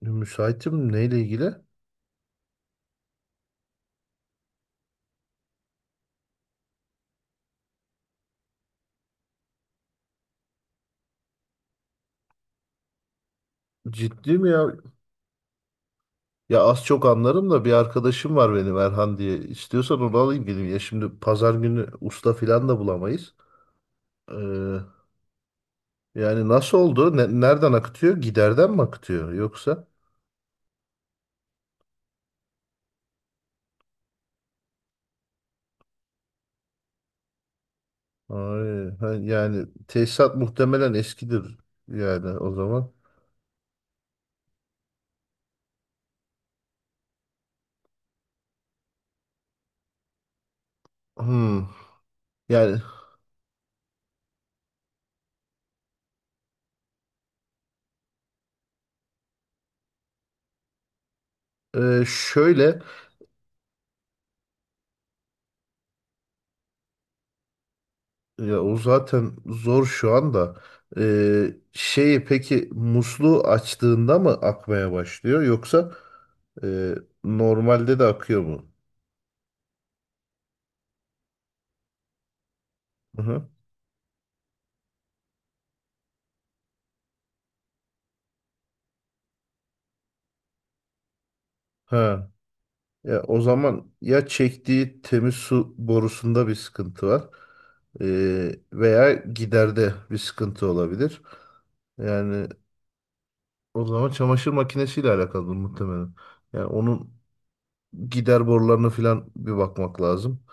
Müsaitim neyle ilgili? Ciddi mi ya? Ya az çok anlarım da bir arkadaşım var benim Erhan diye. İstiyorsan onu alayım geleyim. Ya şimdi pazar günü usta filan da bulamayız. Ee, yani nasıl oldu? Nereden akıtıyor? Giderden mi akıtıyor yoksa? Ay, ha, yani tesisat muhtemelen eskidir yani o zaman. Hmm. Yani, şöyle. Ya o zaten zor şu anda. Şeyi peki musluğu açtığında mı akmaya başlıyor yoksa e, normalde de akıyor mu? Hı hı. Ha. Ya o zaman ya çektiği temiz su borusunda bir sıkıntı var, veya giderde bir sıkıntı olabilir. Yani o zaman çamaşır makinesiyle alakalı muhtemelen. Yani onun gider borularına falan bir bakmak lazım.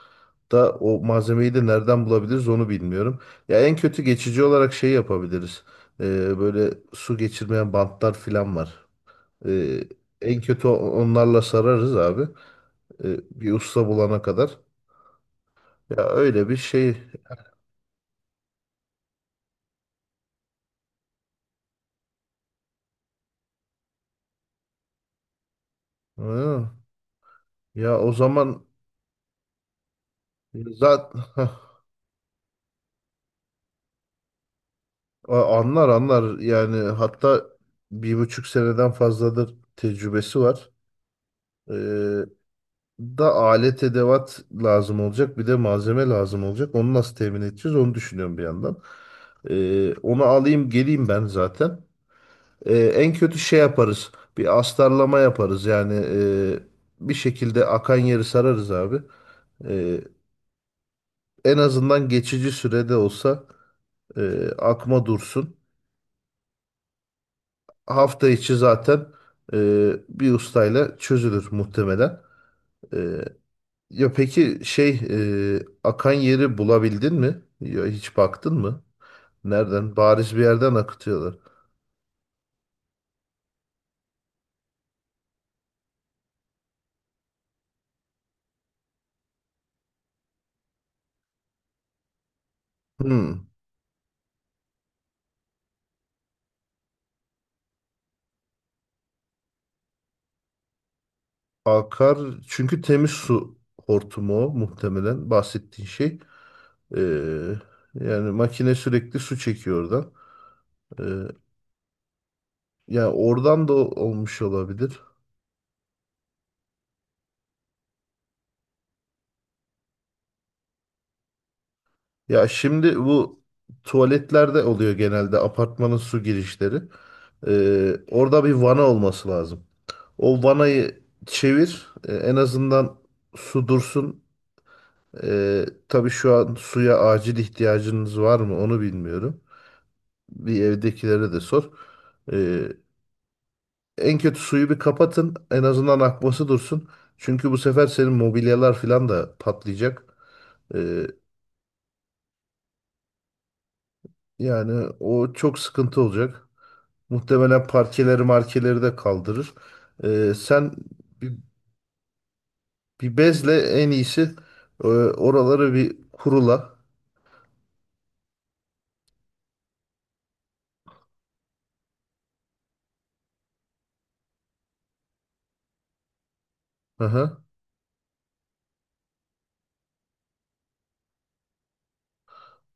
Da o malzemeyi de nereden bulabiliriz onu bilmiyorum. Ya en kötü geçici olarak şey yapabiliriz. Böyle su geçirmeyen bantlar filan var. Ee, en kötü onlarla sararız abi. Bir usta bulana kadar. Ya öyle bir şey. Hı. Ya o zaman zaten anlar anlar yani, hatta bir buçuk seneden fazladır tecrübesi var. Ee, da alet edevat lazım olacak. Bir de malzeme lazım olacak. Onu nasıl temin edeceğiz onu düşünüyorum bir yandan. Onu alayım geleyim ben zaten. En kötü şey yaparız. Bir astarlama yaparız. Yani, bir şekilde akan yeri sararız abi. Ee, en azından geçici sürede olsa akma dursun. Hafta içi zaten bir ustayla çözülür muhtemelen. Ee, Ya peki şey akan yeri bulabildin mi? Ya hiç baktın mı? Nereden? Bariz bir yerden akıtıyorlar. Hmm. Akar çünkü temiz su hortumu o muhtemelen bahsettiğin şey. E, yani makine sürekli su çekiyor oradan. E, ya oradan da olmuş olabilir. Ya şimdi bu tuvaletlerde oluyor genelde apartmanın su girişleri. Orada bir vana olması lazım. O vanayı çevir. En azından su dursun. Tabii şu an suya acil ihtiyacınız var mı onu bilmiyorum. Bir evdekilere de sor. E, en kötü suyu bir kapatın. En azından akması dursun. Çünkü bu sefer senin mobilyalar falan da patlayacak. E, yani o çok sıkıntı olacak. Muhtemelen parkeleri markeleri de kaldırır. Sen bir, bir bezle en iyisi oraları bir kurula. Aha,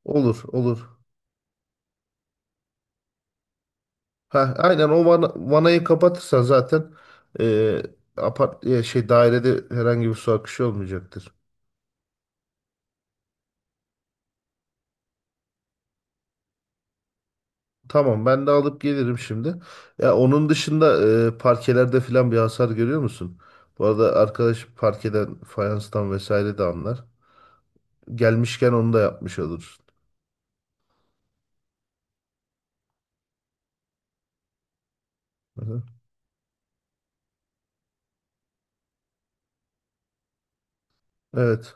olur olur. Ha, aynen o vanayı kapatırsan zaten, e, şey dairede herhangi bir su akışı olmayacaktır. Tamam, ben de alıp gelirim şimdi. Ya onun dışında parkelerde falan bir hasar görüyor musun? Bu arada arkadaş parkeden, fayanstan vesaire de anlar. Gelmişken onu da yapmış olursun. Aha. Evet.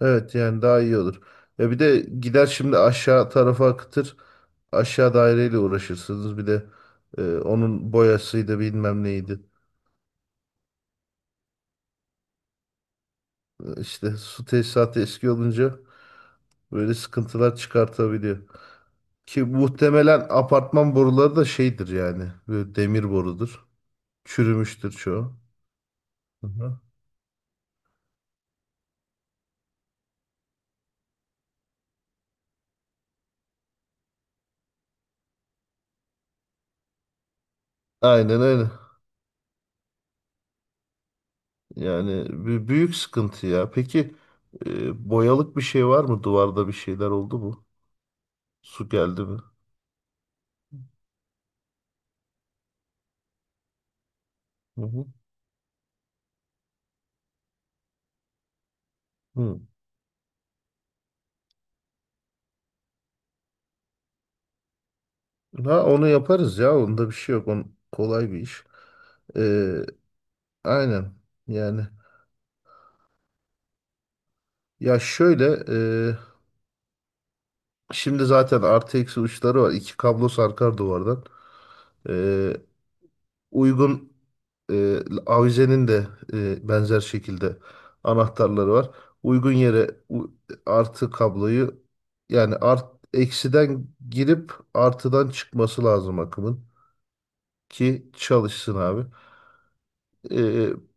Evet yani daha iyi olur. Ya bir de gider şimdi aşağı tarafa akıtır. Aşağı daireyle uğraşırsınız. Bir de onun boyasıydı bilmem neydi. İşte su tesisatı eski olunca böyle sıkıntılar çıkartabiliyor. Ki muhtemelen apartman boruları da şeydir yani. Böyle demir borudur. Çürümüştür çoğu. Hı hı. Aynen öyle. Yani büyük sıkıntı ya. Peki boyalık bir şey var mı? Duvarda bir şeyler oldu mu? Su geldi mi? Hı hı. Hı. Ha, onu yaparız ya. Onda bir şey yok. Kolay bir iş. Ee, aynen. Yani, ya şöyle, e, şimdi zaten artı eksi uçları var. İki kablo sarkar duvardan. Ee, uygun e, avizenin de benzer şekilde anahtarları var. Uygun yere artı kabloyu, yani eksiden girip artıdan çıkması lazım akımın ki çalışsın abi. E,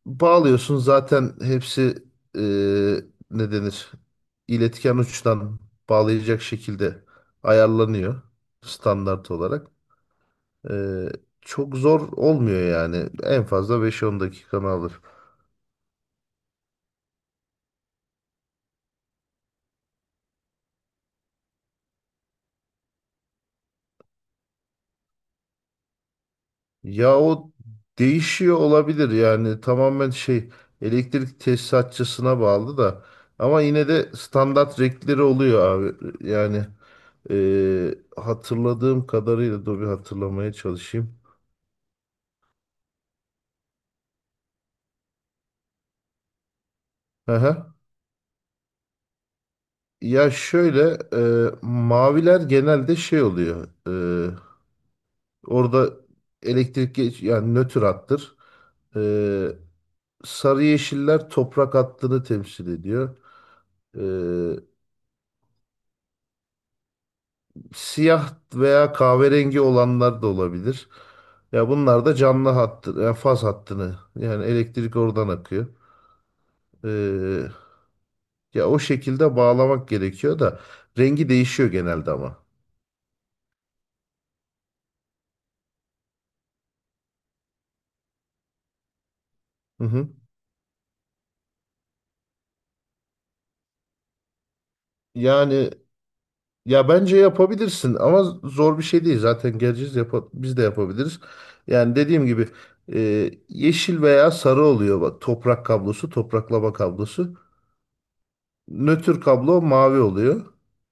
bağlıyorsun zaten hepsi e, ne denir? İletken uçtan bağlayacak şekilde ayarlanıyor standart olarak. E, çok zor olmuyor yani. En fazla 5-10 dakikanı alır. Ya o değişiyor olabilir yani, tamamen şey elektrik tesisatçısına bağlı da ama yine de standart renkleri oluyor abi. Yani hatırladığım kadarıyla dur bir hatırlamaya çalışayım. Aha. Ya şöyle, maviler genelde şey oluyor. Orada elektrik yani nötr hattır. E, sarı yeşiller toprak hattını temsil ediyor. E, siyah veya kahverengi olanlar da olabilir. Ya bunlar da canlı hattı, yani faz hattını, yani elektrik oradan akıyor. E, ya o şekilde bağlamak gerekiyor da rengi değişiyor genelde ama. Hı hı. Yani. Ya bence yapabilirsin ama zor bir şey değil. Zaten geleceğiz, biz de yapabiliriz. Yani dediğim gibi yeşil veya sarı oluyor. Bak, toprak kablosu, topraklama kablosu. Nötr kablo mavi oluyor.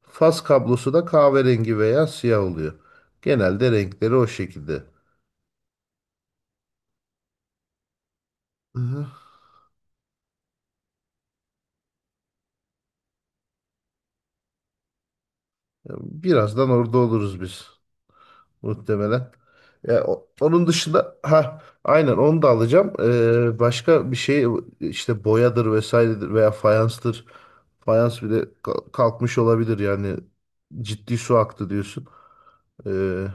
Faz kablosu da kahverengi veya siyah oluyor. Genelde renkleri o şekilde. Hı hı. Birazdan orada oluruz biz muhtemelen. Ya onun dışında, ha aynen onu da alacağım. Başka bir şey işte boyadır vesairedir veya fayanstır. Fayans bile kalkmış olabilir yani, ciddi su aktı diyorsun. Ee,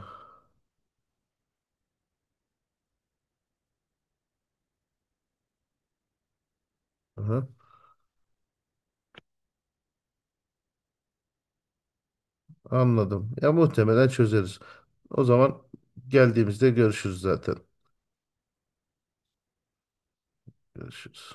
aha, anladım. Ya muhtemelen çözeriz. O zaman geldiğimizde görüşürüz zaten. Görüşürüz.